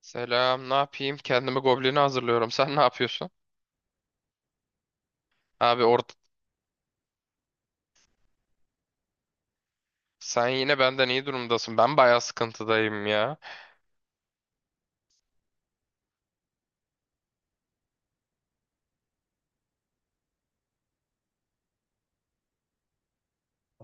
Selam, ne yapayım? Kendimi goblini hazırlıyorum. Sen ne yapıyorsun? Abi orada sen yine benden iyi durumdasın. Ben bayağı sıkıntıdayım ya.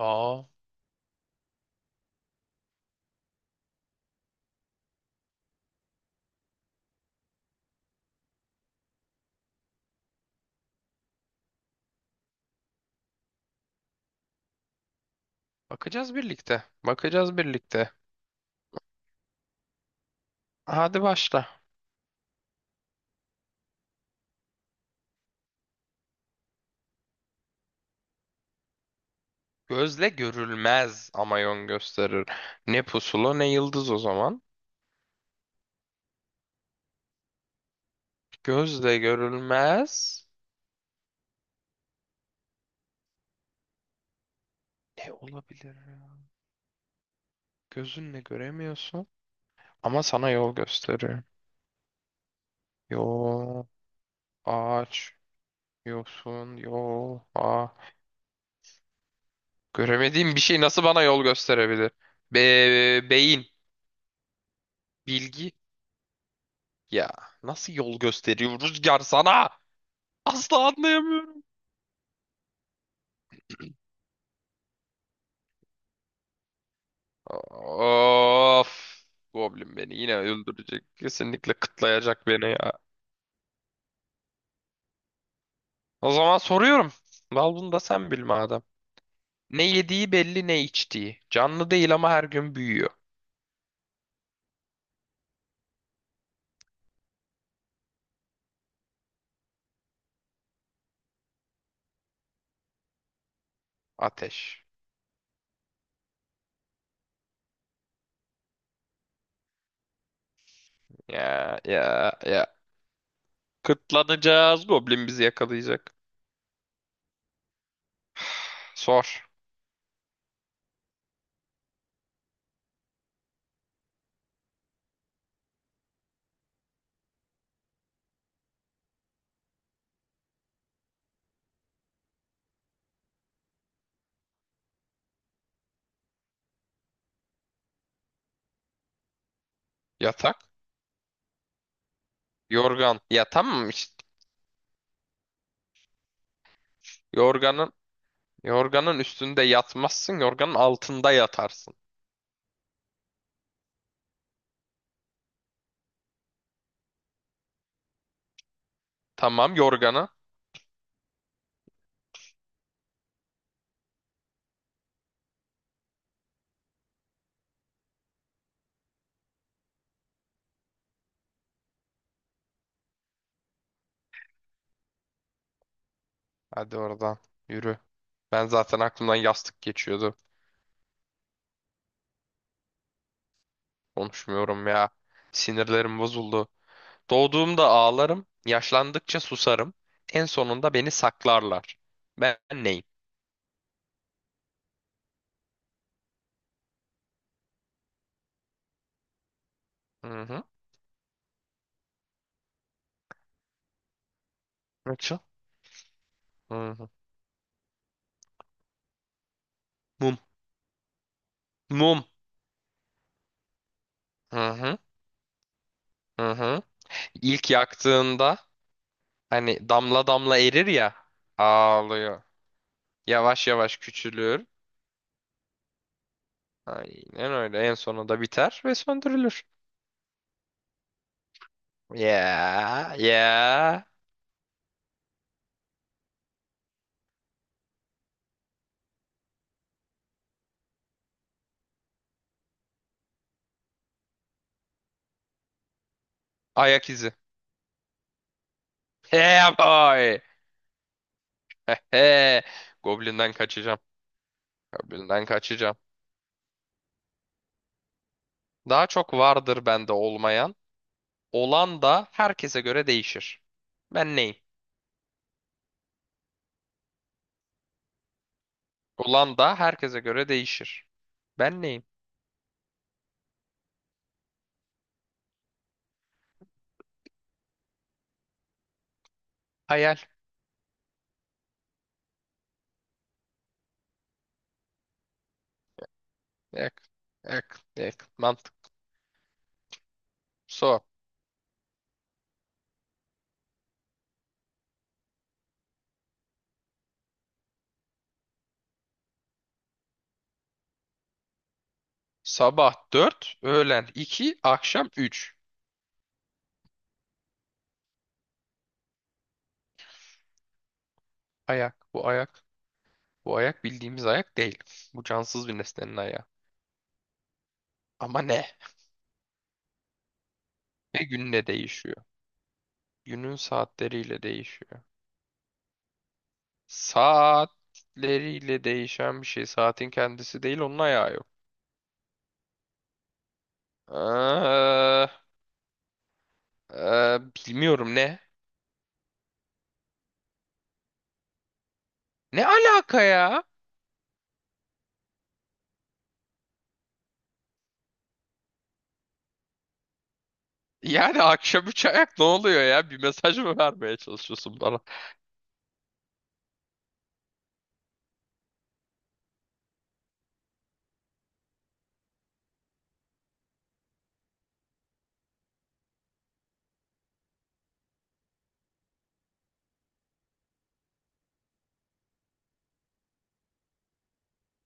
Aa, bakacağız birlikte. Bakacağız birlikte. Hadi başla. Gözle görülmez ama yön gösterir. Ne pusula ne yıldız o zaman. Gözle görülmez. Ne olabilir? Ya? Gözünle göremiyorsun ama sana yol gösterir. Yol, ağaç, yosun, yol, ağaç. Göremediğim bir şey nasıl bana yol gösterebilir? Beyin, bilgi. Ya, nasıl yol gösteriyor rüzgar sana? Asla anlayamıyorum. Of. Goblin beni yine öldürecek. Kesinlikle kıtlayacak beni ya. O zaman soruyorum. Al bunu da sen bil madem. Ne yediği belli ne içtiği. Canlı değil ama her gün büyüyor. Ateş. Ya ya ya. Kıtlanacağız. Goblin bizi yakalayacak. Sor. Yatak. Yorgan. Ya tamam işte. Yorganın yorganın üstünde yatmazsın. Yorganın altında yatarsın. Tamam yorganı. Hadi oradan yürü. Ben zaten aklımdan yastık geçiyordu. Konuşmuyorum ya. Sinirlerim bozuldu. Doğduğumda ağlarım. Yaşlandıkça susarım. En sonunda beni saklarlar. Ben neyim? Hı hı. Rachel. Hı hı. Mum. Mum. Hı hı. Hı hı. İlk yaktığında hani damla damla erir ya. Ağlıyor. Yavaş yavaş küçülür. Aynen öyle. En sonunda biter ve söndürülür. Yeah, yeah. Ayak izi. Yeah boy. Goblin'den kaçacağım. Goblin'den kaçacağım. Daha çok vardır bende olmayan. Olan da herkese göre değişir. Ben neyim? Olan da herkese göre değişir. Ben neyim? Hayal. Yak, yak, yak. Mantık. So. Sabah 4, öğlen 2, akşam 3. Ayak. Bu ayak. Bu ayak bildiğimiz ayak değil. Bu cansız bir nesnenin ayağı. Ama ne? Ve günle değişiyor. Günün saatleriyle değişiyor. Saatleriyle değişen bir şey. Saatin kendisi değil, onun ayağı yok. Ee, e, bilmiyorum, ne? Ne alaka ya? Yani akşam üç ayak ne oluyor ya? Bir mesaj mı vermeye çalışıyorsun bana?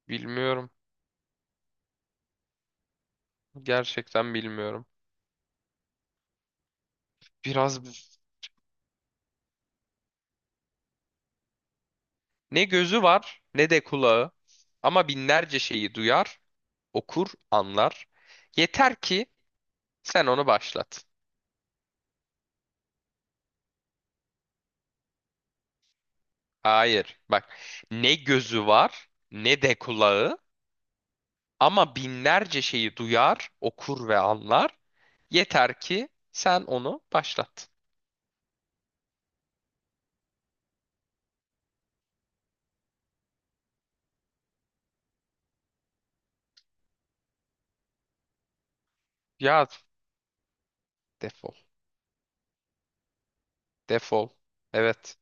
Bilmiyorum. Gerçekten bilmiyorum. Biraz ne gözü var ne de kulağı. Ama binlerce şeyi duyar, okur, anlar. Yeter ki sen onu başlat. Hayır. Bak, ne gözü var ne de kulağı ama binlerce şeyi duyar, okur ve anlar. Yeter ki sen onu başlat. Ya defol. Defol. Evet.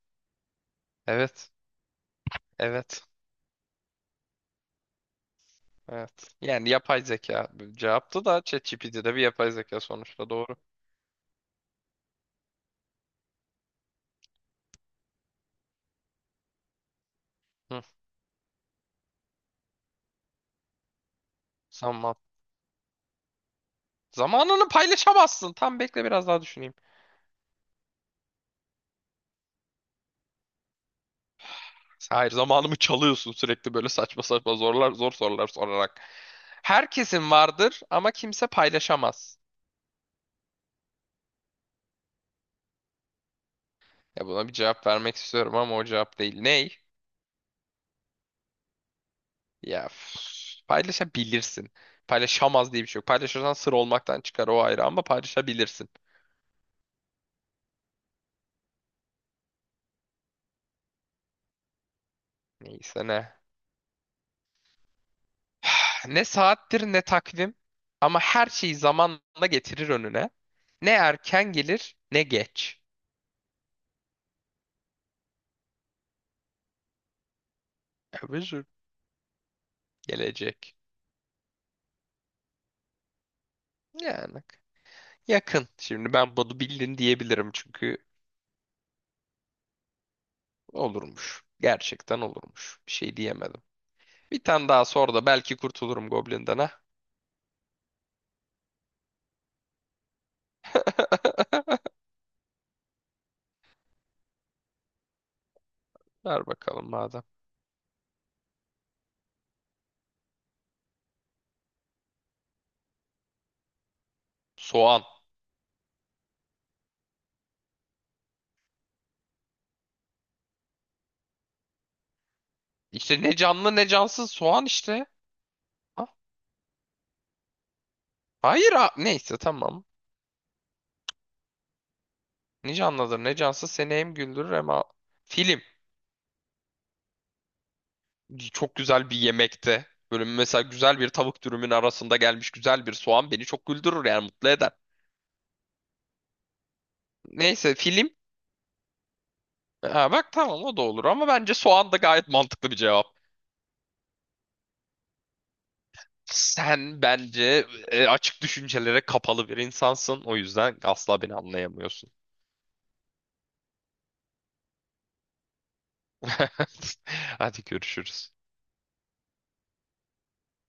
Evet. Evet. Evet. Yani yapay zeka cevaptı da ChatGPT de bir yapay zeka sonuçta, doğru. Hı. Zaman. Zamanını paylaşamazsın. Tam bekle, biraz daha düşüneyim. Hayır, zamanımı çalıyorsun sürekli böyle saçma saçma zorlar, zor sorular sorarak. Herkesin vardır ama kimse paylaşamaz. Ya buna bir cevap vermek istiyorum ama o cevap değil. Ney? Ya üf, paylaşabilirsin. Paylaşamaz diye bir şey yok. Paylaşırsan sır olmaktan çıkar, o ayrı, ama paylaşabilirsin. Neyse ne. Ne saattir ne takvim ama her şeyi zamanla getirir önüne. Ne erken gelir ne geç. Özür. Gelecek. Yani. Yakın. Şimdi ben bunu bildin diyebilirim çünkü olurmuş. Gerçekten olurmuş. Bir şey diyemedim. Bir tane daha sor da belki kurtulurum Goblin'den ha. Ver bakalım madem. Soğan. İşte ne canlı ne cansız, soğan işte. Ha? Hayır ha. Neyse tamam. Ne canlıdır ne cansız, seni hem güldürür hem a- Film. Çok güzel bir yemekte. Böyle mesela güzel bir tavuk dürümün arasında gelmiş güzel bir soğan beni çok güldürür, yani mutlu eder. Neyse, film. Ha, bak tamam, o da olur ama bence soğan da gayet mantıklı bir cevap. Sen bence açık düşüncelere kapalı bir insansın. O yüzden asla beni anlayamıyorsun. Hadi görüşürüz.